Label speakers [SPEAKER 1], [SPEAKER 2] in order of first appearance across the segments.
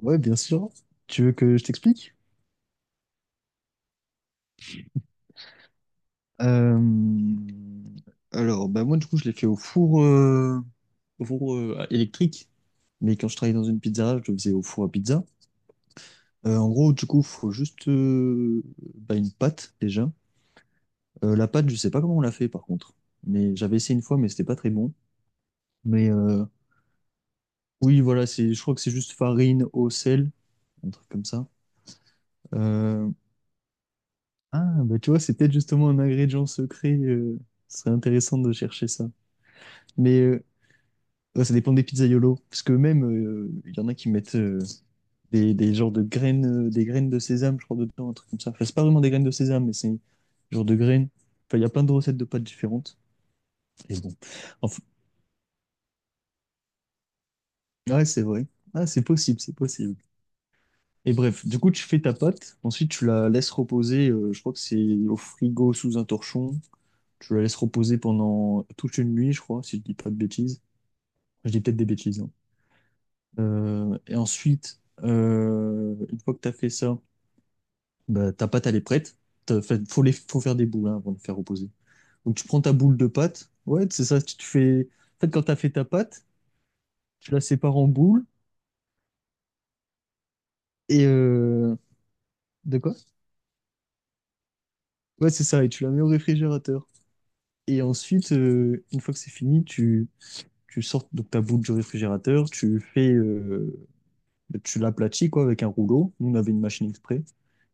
[SPEAKER 1] Ouais, bien sûr. Tu veux que je t'explique? Euh, Alors, bah moi, du coup, je l'ai fait au four électrique. Mais quand je travaillais dans une pizzeria, je le faisais au four à pizza. En gros, du coup, faut juste bah, une pâte, déjà. La pâte, je sais pas comment on l'a fait, par contre. Mais j'avais essayé une fois, mais c'était pas très bon. Mais oui, voilà, je crois que c'est juste farine, eau, sel, un truc comme ça. Euh, Ah, bah tu vois, c'est peut-être justement un ingrédient secret. Ce serait intéressant de chercher ça. Mais ouais, ça dépend des pizzaiolos. Parce que même, il y en a qui mettent des genres de graines, des graines de sésame, je crois, dedans, un truc comme ça. Enfin, c'est pas vraiment des graines de sésame, mais c'est un genre de graines. Enfin, il y a plein de recettes de pâtes différentes. Et bon. Enfin, ouais, c'est vrai. Ah, c'est possible, c'est possible. Et bref, du coup, tu fais ta pâte. Ensuite, tu la laisses reposer. Je crois que c'est au frigo sous un torchon. Tu la laisses reposer pendant toute une nuit, je crois, si je dis pas de bêtises. Enfin, je dis peut-être des bêtises, hein. Et ensuite, une fois que tu as fait ça, bah, ta pâte, elle est prête. Faut faire des boules, hein, avant de faire reposer. Donc, tu prends ta boule de pâte. Ouais, c'est ça. Tu te fais... En fait, quand tu as fait ta pâte, tu la sépares en boules. Et... euh, De quoi? Ouais, c'est ça. Et tu la mets au réfrigérateur. Et ensuite, une fois que c'est fini, tu sors donc ta boule du réfrigérateur. Tu l'aplatis, quoi, avec un rouleau. Nous, on avait une machine exprès.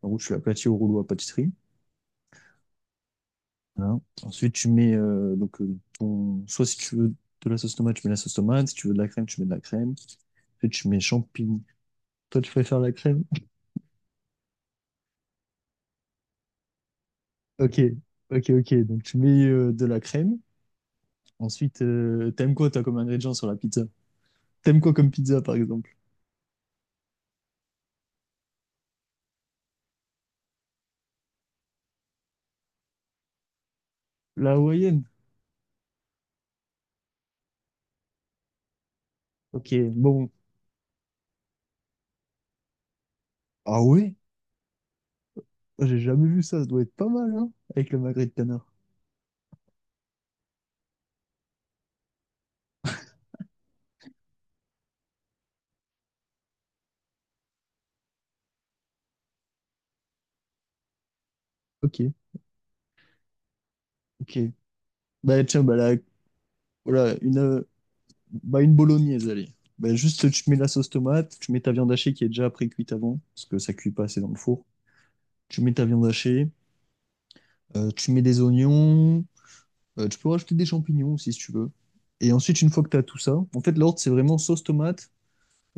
[SPEAKER 1] En gros, tu l'aplatis au rouleau à pâtisserie. Voilà. Ensuite, tu mets donc ton. Soit si tu veux de la sauce tomate, tu mets la sauce tomate. Si tu veux de la crème, tu mets de la crème. Ensuite, tu mets champignons. Toi, tu préfères la crème? Ok, ok, ok. Donc, tu mets de la crème. Ensuite, t'aimes quoi, toi, comme ingrédient sur la pizza? T'aimes quoi comme pizza, par exemple? La hawaïenne. Ok, bon. Ah ouais? Moi, j'ai jamais vu ça. Ça doit être pas mal, hein? Avec le magret de canard. Ok, ok. Bah, tiens, bah, voilà, bah, une bolognaise, allez. Bah, juste, tu mets la sauce tomate, tu mets ta viande hachée qui est déjà pré-cuite avant, parce que ça cuit pas assez dans le four. Tu mets ta viande hachée, tu mets des oignons, tu peux rajouter des champignons aussi si tu veux. Et ensuite, une fois que tu as tout ça, en fait, l'ordre, c'est vraiment sauce tomate,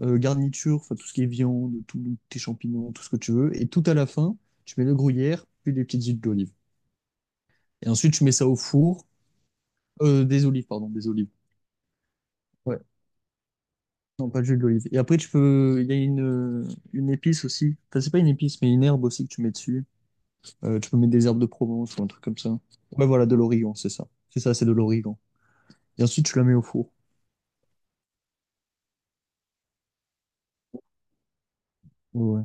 [SPEAKER 1] garniture, enfin tout ce qui est viande, tous tes champignons, tout ce que tu veux. Et tout à la fin, tu mets le gruyère, puis des petites huiles d'olive. Et ensuite, tu mets ça au four, des olives, pardon, des olives. Ouais. Non, pas de jus d'olive. Et après, tu peux. Il y a une épice aussi. Enfin, c'est pas une épice, mais une herbe aussi que tu mets dessus. Tu peux mettre des herbes de Provence ou un truc comme ça. Ouais, voilà, de l'origan, c'est ça. C'est ça, c'est de l'origan. Et ensuite, tu la mets au four. Ouais, ouais.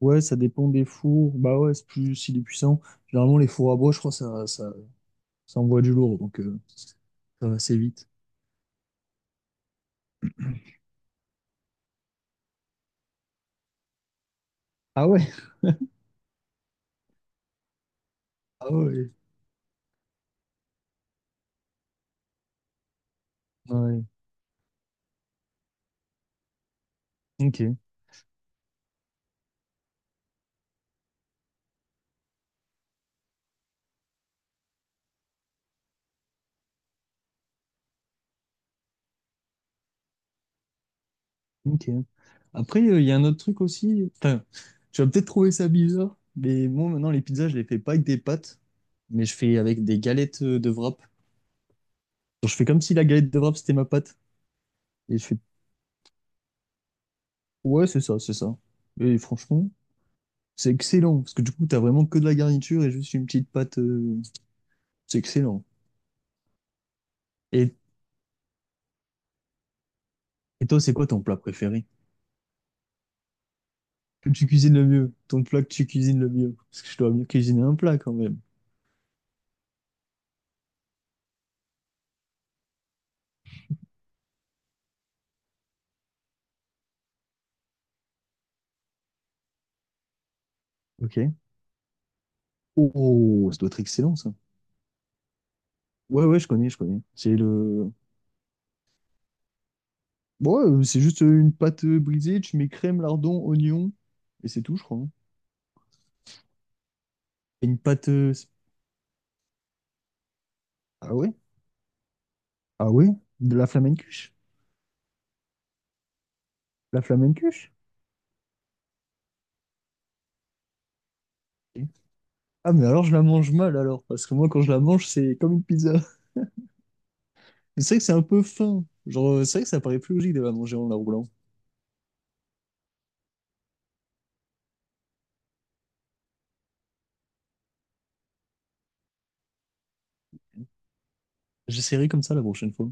[SPEAKER 1] Ouais, ça dépend des fours. Bah ouais, c'est plus s'il est puissant. Généralement, les fours à bois, je crois, ça envoie du lourd, donc ça va assez vite. Ah ouais? Ah ouais. Ouais. Ok, ok. Après, il y a un autre truc aussi. Enfin, tu vas peut-être trouver ça bizarre, mais moi, maintenant, les pizzas, je les fais pas avec des pâtes, mais je fais avec des galettes de wrap. Genre, je fais comme si la galette de wrap, c'était ma pâte. Et je fais, ouais, c'est ça, c'est ça. Et franchement, c'est excellent, parce que du coup, t'as vraiment que de la garniture et juste une petite pâte. C'est excellent. Et, et toi, c'est quoi ton plat préféré? Que tu cuisines le mieux? Ton plat que tu cuisines le mieux? Parce que je dois mieux cuisiner un plat quand même. Ok. Oh, oh, oh, ça doit être excellent, ça. Ouais, ouais, je connais, je connais. C'est le... Bon, ouais, c'est juste une pâte brisée, tu mets crème, lardon, oignon, et c'est tout, je crois, hein. Et une pâte. Ah ouais? Ah ouais? De la flamencuche? La flamencuche? Ok. Ah, mais alors je la mange mal alors, parce que moi quand je la mange, c'est comme une pizza. Mais c'est vrai que c'est un peu fin. Genre, c'est vrai que ça paraît plus logique de la manger en la roulant. J'essaierai comme ça la prochaine fois.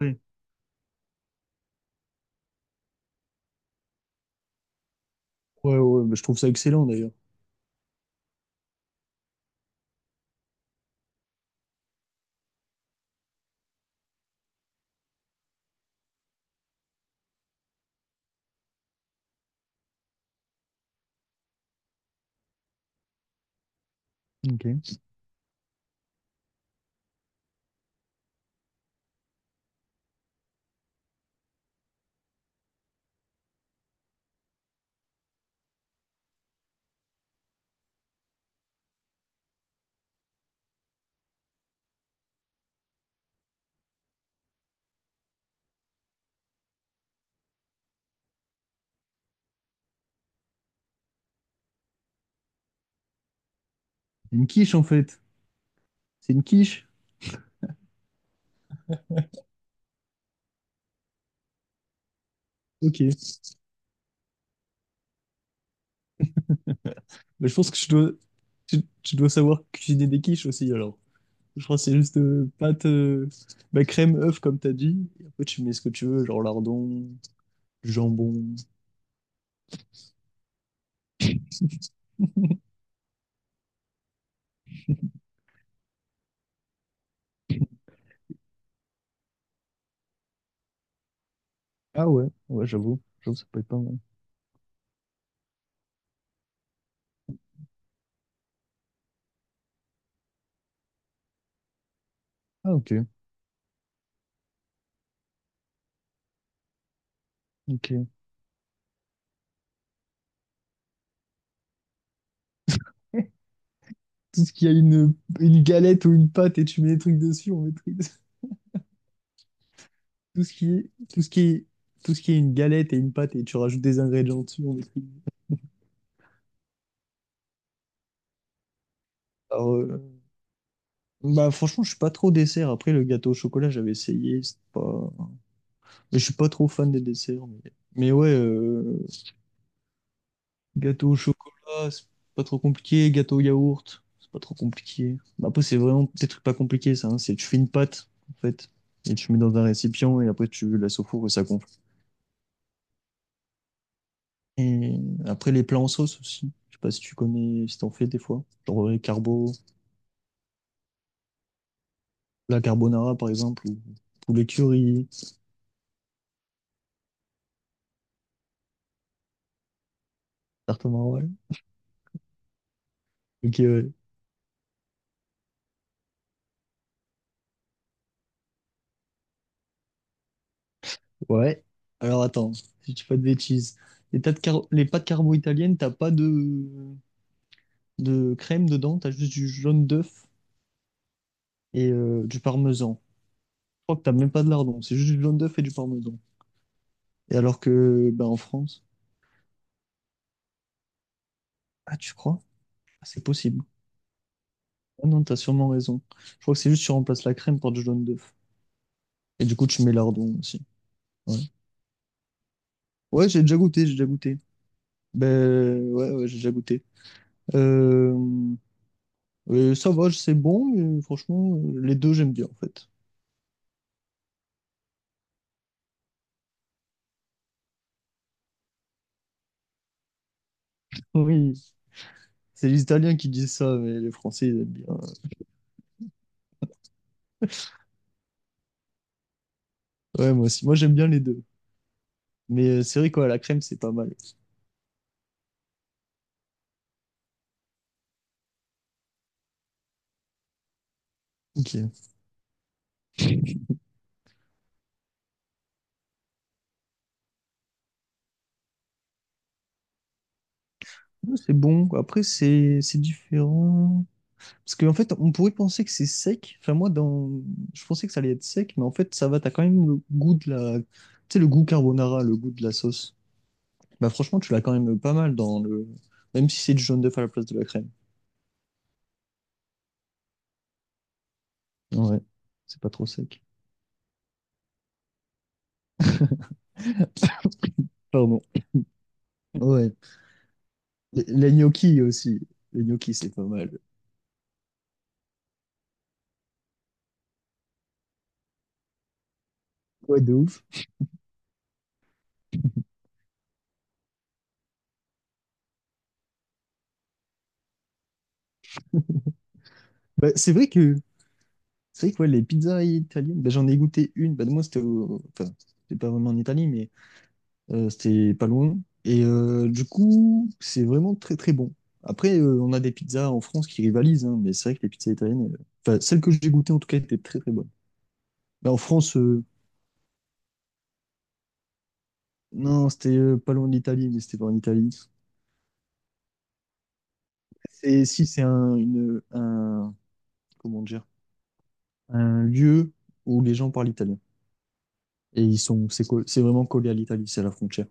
[SPEAKER 1] Ouais. Ouais, ouais, bah, je trouve ça excellent d'ailleurs. Ok. Une quiche en fait. C'est une quiche? Ok. Mais je pense que je dois. Tu dois savoir cuisiner des quiches aussi alors. Je crois que c'est juste pâte, bah, crème, œuf, comme t'as dit. Et après, tu mets ce que tu veux, genre lardon, du jambon. Ah ouais, ouais, j'avoue. J'avoue, ça peut être pas mal. Ah ok, ok. Tout ce qui a une galette ou une pâte et tu mets des trucs dessus, on maîtrise. Tout ce qui est, tout ce qui est, tout ce qui est une galette et une pâte et tu rajoutes des ingrédients dessus, on maîtrise. Alors, bah franchement, je suis pas trop dessert. Après, le gâteau au chocolat, j'avais essayé, c'est pas... Mais je suis pas trop fan des desserts. Mais ouais, gâteau au chocolat, c'est pas trop compliqué. Gâteau au yaourt, c'est pas trop compliqué. Bah, après, c'est vraiment des trucs pas compliqués, ça, hein. C'est tu fais une pâte, en fait, et tu mets dans un récipient, et après tu laisses au four et ça gonfle. Et après, les plats en sauce aussi. Je sais pas si tu connais, si t'en fais des fois. Genre la carbonara, par exemple, ou poulet curry, tarte au maroilles. Ok, ouais. Ouais. Alors attends, si tu fais pas de bêtises. Les pâtes carbo italiennes, t'as pas de crème dedans, t'as juste du jaune d'œuf et du parmesan. Je crois que t'as même pas de lardon, c'est juste du jaune d'œuf et du parmesan. Et alors que bah, en France, ah tu crois? Ah, c'est possible. Ah non, t'as sûrement raison. Je crois que c'est juste tu remplaces la crème par du jaune d'œuf. Et du coup tu mets lardon aussi. Ouais, ouais, j'ai déjà goûté, j'ai déjà goûté. Ben ouais, ouais, j'ai déjà goûté. Euh, ça va, c'est bon, mais franchement, les deux j'aime bien en fait. Oui, c'est les Italiens qui disent ça, mais les Français ils aiment bien. Ouais, moi aussi, moi j'aime bien les deux. Mais c'est vrai quoi, la crème c'est pas mal. Ok. Ouais, c'est bon. Après, c'est différent. Parce qu'en fait, on pourrait penser que c'est sec. Enfin, moi, dans... je pensais que ça allait être sec, mais en fait, ça va. T'as quand même le goût de la... Tu sais, le goût carbonara, le goût de la sauce. Bah, franchement, tu l'as quand même pas mal dans le... Même si c'est du jaune d'œuf à la place de la crème. Ouais, c'est pas trop sec. Pardon. Ouais. Les gnocchis aussi. Les gnocchis, c'est pas mal. Ouais, de ouf. Bah, c'est vrai que... C'est vrai que ouais, les pizzas italiennes, bah, j'en ai goûté une. Bah, moi, c'était... Enfin, c'était pas vraiment en Italie, mais... C'était pas loin. Et du coup, c'est vraiment très très bon. Après, on a des pizzas en France qui rivalisent, hein, mais c'est vrai que les pizzas italiennes, enfin celles que j'ai goûtées en tout cas, étaient très très bonnes. Mais en France, non, c'était pas loin de l'Italie, mais c'était pas en Italie. Et si, c'est un, comment dire, un lieu où les gens parlent italien. Et ils sont, c'est co- c'est vraiment collé à l'Italie, c'est à la frontière.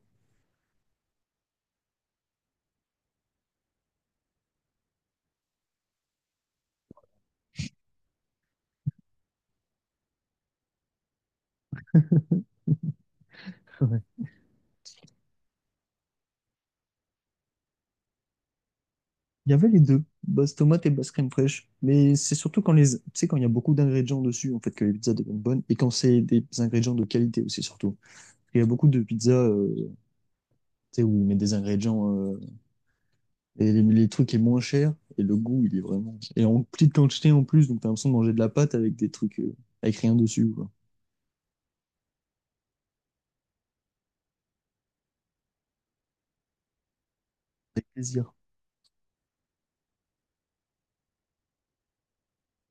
[SPEAKER 1] Il y avait les deux, base tomate et base crème fraîche. Mais c'est surtout tu sais, quand il y a beaucoup d'ingrédients dessus, en fait, que les pizzas deviennent bonnes. Et quand c'est des ingrédients de qualité aussi, surtout. Il y a beaucoup de pizzas, tu sais, où ils mettent des ingrédients, et les trucs est moins cher, et le goût, il est vraiment. Et en petite quantité en plus, donc t'as l'impression de manger de la pâte avec des trucs, avec rien dessus, quoi. Avec plaisir.